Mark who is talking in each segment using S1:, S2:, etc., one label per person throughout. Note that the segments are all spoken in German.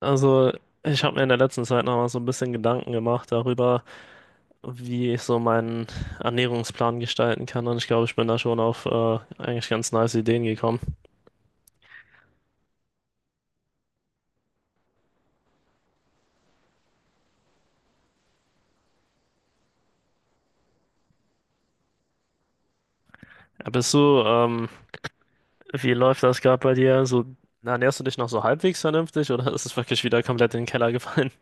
S1: Also, ich habe mir in der letzten Zeit noch mal so ein bisschen Gedanken gemacht darüber, wie ich so meinen Ernährungsplan gestalten kann. Und ich glaube, ich bin da schon auf eigentlich ganz nice Ideen gekommen. Äh, Bist du, ähm, wie läuft das gerade bei dir? So, ernährst du dich noch so halbwegs vernünftig oder ist es wirklich wieder komplett in den Keller gefallen?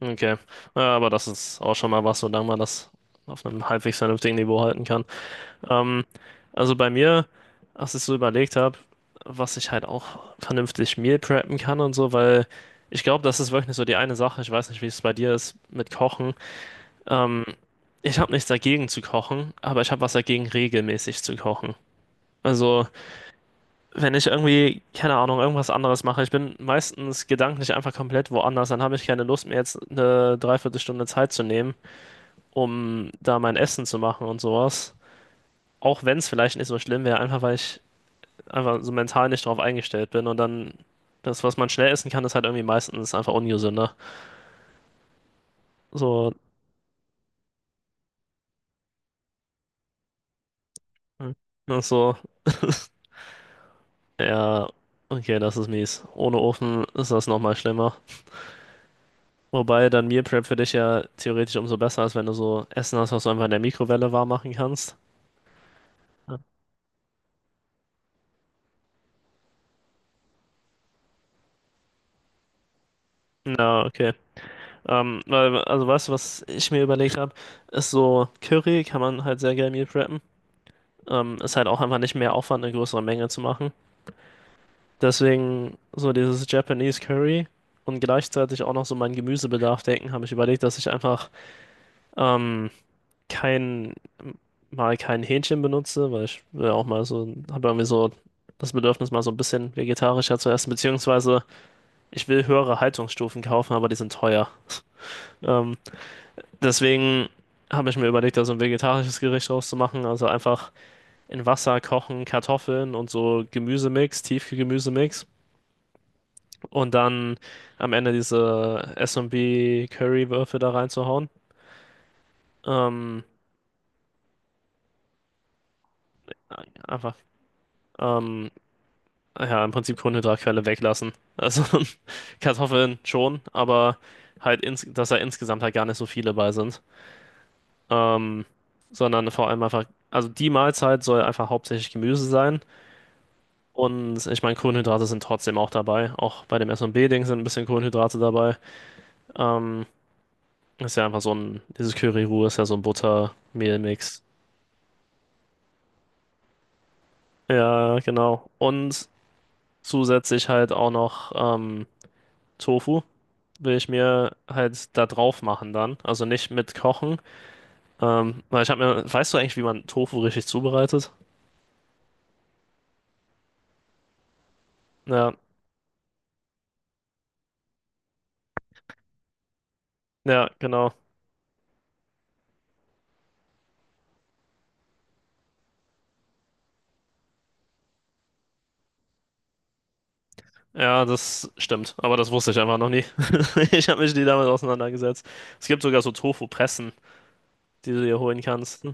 S1: Okay, ja, aber das ist auch schon mal was, solange man das auf einem halbwegs vernünftigen Niveau halten kann. Ähm, also bei mir, als ich so überlegt habe, was ich halt auch vernünftig Meal preppen kann und so, weil ich glaube, das ist wirklich so die eine Sache. Ich weiß nicht, wie es bei dir ist mit Kochen. Ähm, ich habe nichts dagegen zu kochen, aber ich habe was dagegen, regelmäßig zu kochen. Also, wenn ich irgendwie, keine Ahnung, irgendwas anderes mache, ich bin meistens gedanklich einfach komplett woanders, dann habe ich keine Lust, mir jetzt eine Dreiviertelstunde Zeit zu nehmen, um da mein Essen zu machen und sowas. Auch wenn es vielleicht nicht so schlimm wäre, einfach weil ich einfach so mental nicht drauf eingestellt bin und dann das, was man schnell essen kann, ist halt irgendwie meistens einfach ungesünder. So, das ist so, ja, okay, das ist mies. Ohne Ofen ist das nochmal schlimmer. Wobei dann Meal Prep für dich ja theoretisch umso besser ist, wenn du so Essen hast, was du einfach in der Mikrowelle warm machen kannst. Ja, na, okay. Weil, also weißt du, was ich mir überlegt habe, ist so Curry kann man halt sehr geil Meal preppen. Ist halt auch einfach nicht mehr Aufwand, eine größere Menge zu machen. Deswegen so dieses Japanese Curry und gleichzeitig auch noch so meinen Gemüsebedarf decken, habe ich überlegt, dass ich einfach ähm, kein, mal kein Hähnchen benutze, weil ich will auch mal so, habe irgendwie so das Bedürfnis, mal so ein bisschen vegetarischer zu essen, beziehungsweise ich will höhere Haltungsstufen kaufen, aber die sind teuer. Ähm, deswegen habe ich mir überlegt, da so ein vegetarisches Gericht draus zu machen, also einfach in Wasser kochen, Kartoffeln und so Gemüsemix, Tiefkühlgemüsemix und dann am Ende diese S S&B Curry-Würfe da reinzuhauen. Ähm, einfach, ähm, ja, im Prinzip Kohlenhydratquelle weglassen. Also Kartoffeln schon, aber halt, dass da insgesamt halt gar nicht so viele bei sind. Ähm, sondern vor allem einfach, also die Mahlzeit soll einfach hauptsächlich Gemüse sein. Und ich meine, Kohlenhydrate sind trotzdem auch dabei. Auch bei dem S&B ding sind ein bisschen Kohlenhydrate dabei. Ähm, ist ja einfach dieses Curry-Roux ist ja so ein Butter-Mehl-Mix. Ja, genau. Und zusätzlich halt auch noch Tofu will ich mir halt da drauf machen dann. Also nicht mit kochen. Weil ich habe mir, weißt du eigentlich, wie man Tofu richtig zubereitet? Ja, ja, genau. Ja, das stimmt. Aber das wusste ich einfach noch nie. Ich habe mich nie damit auseinandergesetzt. Es gibt sogar so Tofu-Pressen, die du dir holen kannst.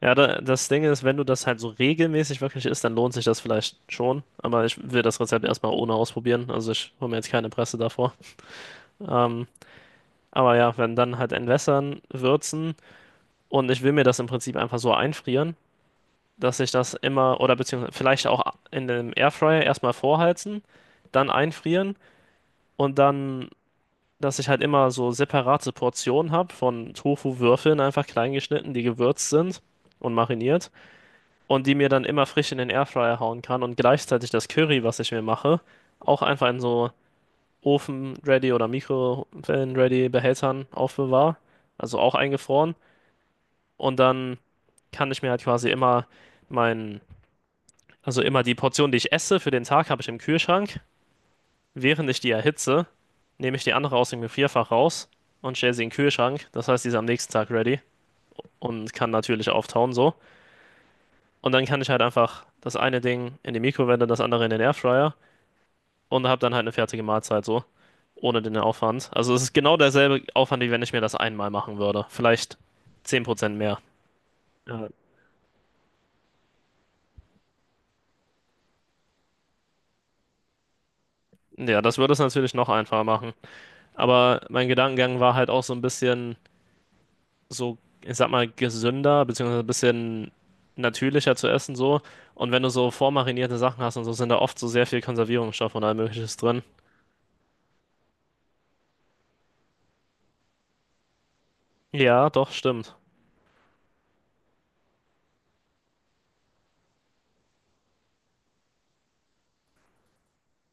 S1: Ja, da, das Ding ist, wenn du das halt so regelmäßig wirklich isst, dann lohnt sich das vielleicht schon. Aber ich will das Rezept erstmal ohne ausprobieren. Also ich hole mir jetzt keine Presse davor. Ähm, aber ja, wenn dann halt entwässern, würzen und ich will mir das im Prinzip einfach so einfrieren, dass ich das immer oder beziehungsweise vielleicht auch in dem Airfryer erstmal vorheizen, dann einfrieren und dann, dass ich halt immer so separate Portionen habe von Tofu-Würfeln einfach klein geschnitten, die gewürzt sind und mariniert. Und die mir dann immer frisch in den Airfryer hauen kann und gleichzeitig das Curry, was ich mir mache, auch einfach in so Ofen-ready oder Mikrowellen-ready Behältern aufbewahre, also auch eingefroren und dann kann ich mir halt quasi immer mein, also immer die Portion, die ich esse für den Tag, habe ich im Kühlschrank. Während ich die erhitze, nehme ich die andere aus dem Gefrierfach raus und stelle sie in den Kühlschrank. Das heißt, die ist am nächsten Tag ready und kann natürlich auftauen so. Und dann kann ich halt einfach das eine Ding in die Mikrowelle, das andere in den Airfryer und habe dann halt eine fertige Mahlzeit so, ohne den Aufwand. Also es ist genau derselbe Aufwand, wie wenn ich mir das einmal machen würde. Vielleicht 10% mehr. Ja, ja, das würde es natürlich noch einfacher machen. Aber mein Gedankengang war halt auch so ein bisschen so, ich sag mal, gesünder, beziehungsweise ein bisschen natürlicher zu essen so. Und wenn du so vormarinierte Sachen hast und so, sind da oft so sehr viel Konservierungsstoff und all Mögliches drin. Ja, doch, stimmt.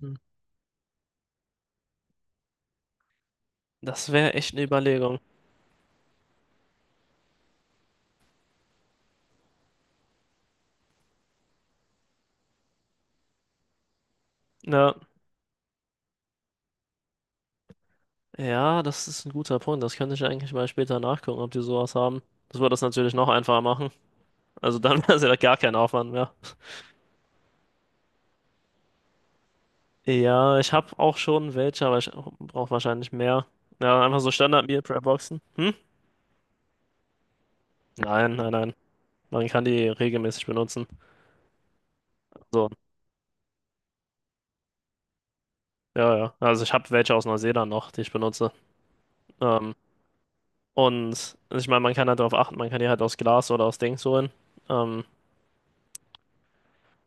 S1: Hm. Das wäre echt eine Überlegung. Ja. Ja, das ist ein guter Punkt. Das könnte ich eigentlich mal später nachgucken, ob die sowas haben. Das würde das natürlich noch einfacher machen. Also dann wäre es ja gar kein Aufwand mehr. Ja, ich habe auch schon welche, aber ich brauche wahrscheinlich mehr. Ja, einfach so Standard-Meal Prep Boxen. Hm? Nein, nein, nein. Man kann die regelmäßig benutzen. So, ja, ja. Also ich habe welche aus Neuseeland noch, die ich benutze. Ähm, und ich meine, man kann halt darauf achten, man kann die halt aus Glas oder aus Dings holen. Ähm,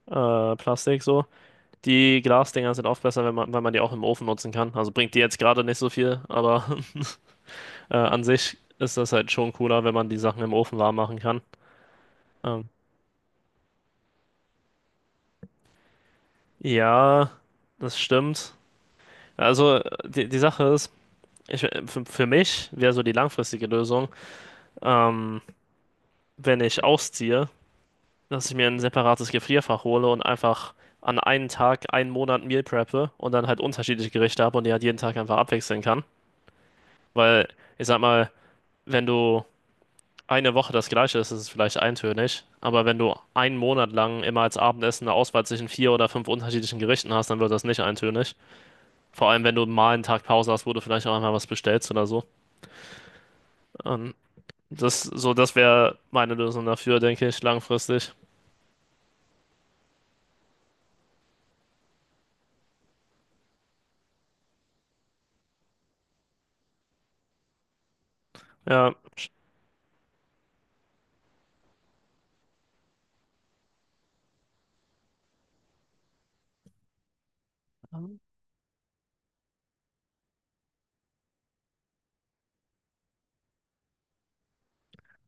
S1: Plastik so. Die Glasdinger sind oft besser, wenn man, weil man die auch im Ofen nutzen kann. Also bringt die jetzt gerade nicht so viel, aber an sich ist das halt schon cooler, wenn man die Sachen im Ofen warm machen kann. Ähm, ja, das stimmt. Also die Sache ist, für mich wäre so die langfristige Lösung, ähm, wenn ich ausziehe, dass ich mir ein separates Gefrierfach hole und einfach an einen Tag, einen Monat Meal preppe und dann halt unterschiedliche Gerichte habe und die halt jeden Tag einfach abwechseln kann. Weil ich sag mal, wenn du eine Woche das Gleiche ist, ist es vielleicht eintönig. Aber wenn du einen Monat lang immer als Abendessen eine Auswahl zwischen vier oder fünf unterschiedlichen Gerichten hast, dann wird das nicht eintönig. Vor allem, wenn du mal einen Tag Pause hast, wo du vielleicht auch einmal was bestellst oder so. Ähm, das wäre meine Lösung dafür, denke ich, langfristig. Ja,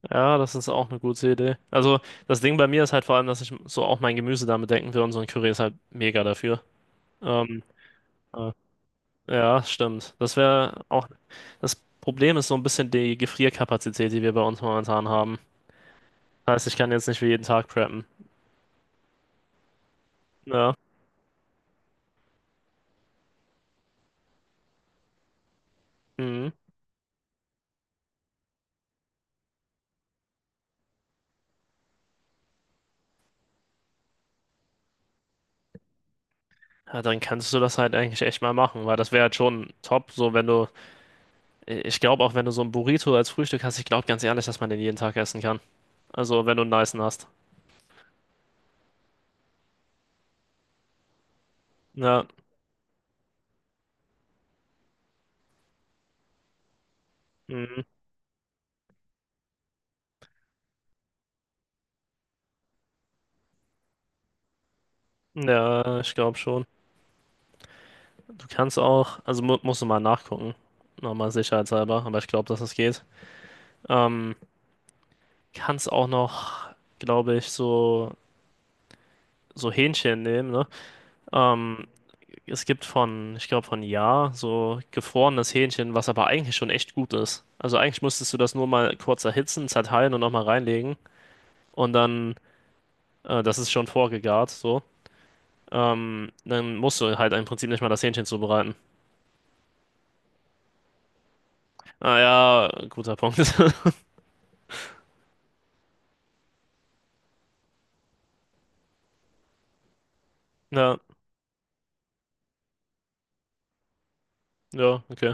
S1: ja, das ist auch eine gute Idee. Also, das Ding bei mir ist halt vor allem, dass ich so auch mein Gemüse damit denken will und so ein Curry ist halt mega dafür. Ähm, äh, Ja, stimmt. Das wäre auch. Das Problem ist so ein bisschen die Gefrierkapazität, die wir bei uns momentan haben. Heißt, ich kann jetzt nicht für jeden Tag preppen. Ja. Mhm. Ja, dann kannst du das halt eigentlich echt mal machen, weil das wäre halt schon top, so wenn du. Ich glaube auch, wenn du so ein Burrito als Frühstück hast, ich glaube ganz ehrlich, dass man den jeden Tag essen kann. Also, wenn du einen nicen hast. Ja. Mhm. Ja, ich glaube schon. Du kannst auch, also mu musst du mal nachgucken. Nochmal sicherheitshalber, aber ich glaube, dass es geht. Ähm. Kannst auch noch, glaube ich, so, Hähnchen nehmen, ne? Ähm, es gibt von, ich glaube, von Ja, so gefrorenes Hähnchen, was aber eigentlich schon echt gut ist. Also eigentlich musstest du das nur mal kurz erhitzen, zerteilen und nochmal reinlegen. Und dann, das ist schon vorgegart, so. Dann musst du halt im Prinzip nicht mal das Hähnchen zubereiten. Ah ja, guter Punkt. Ja, ja, okay.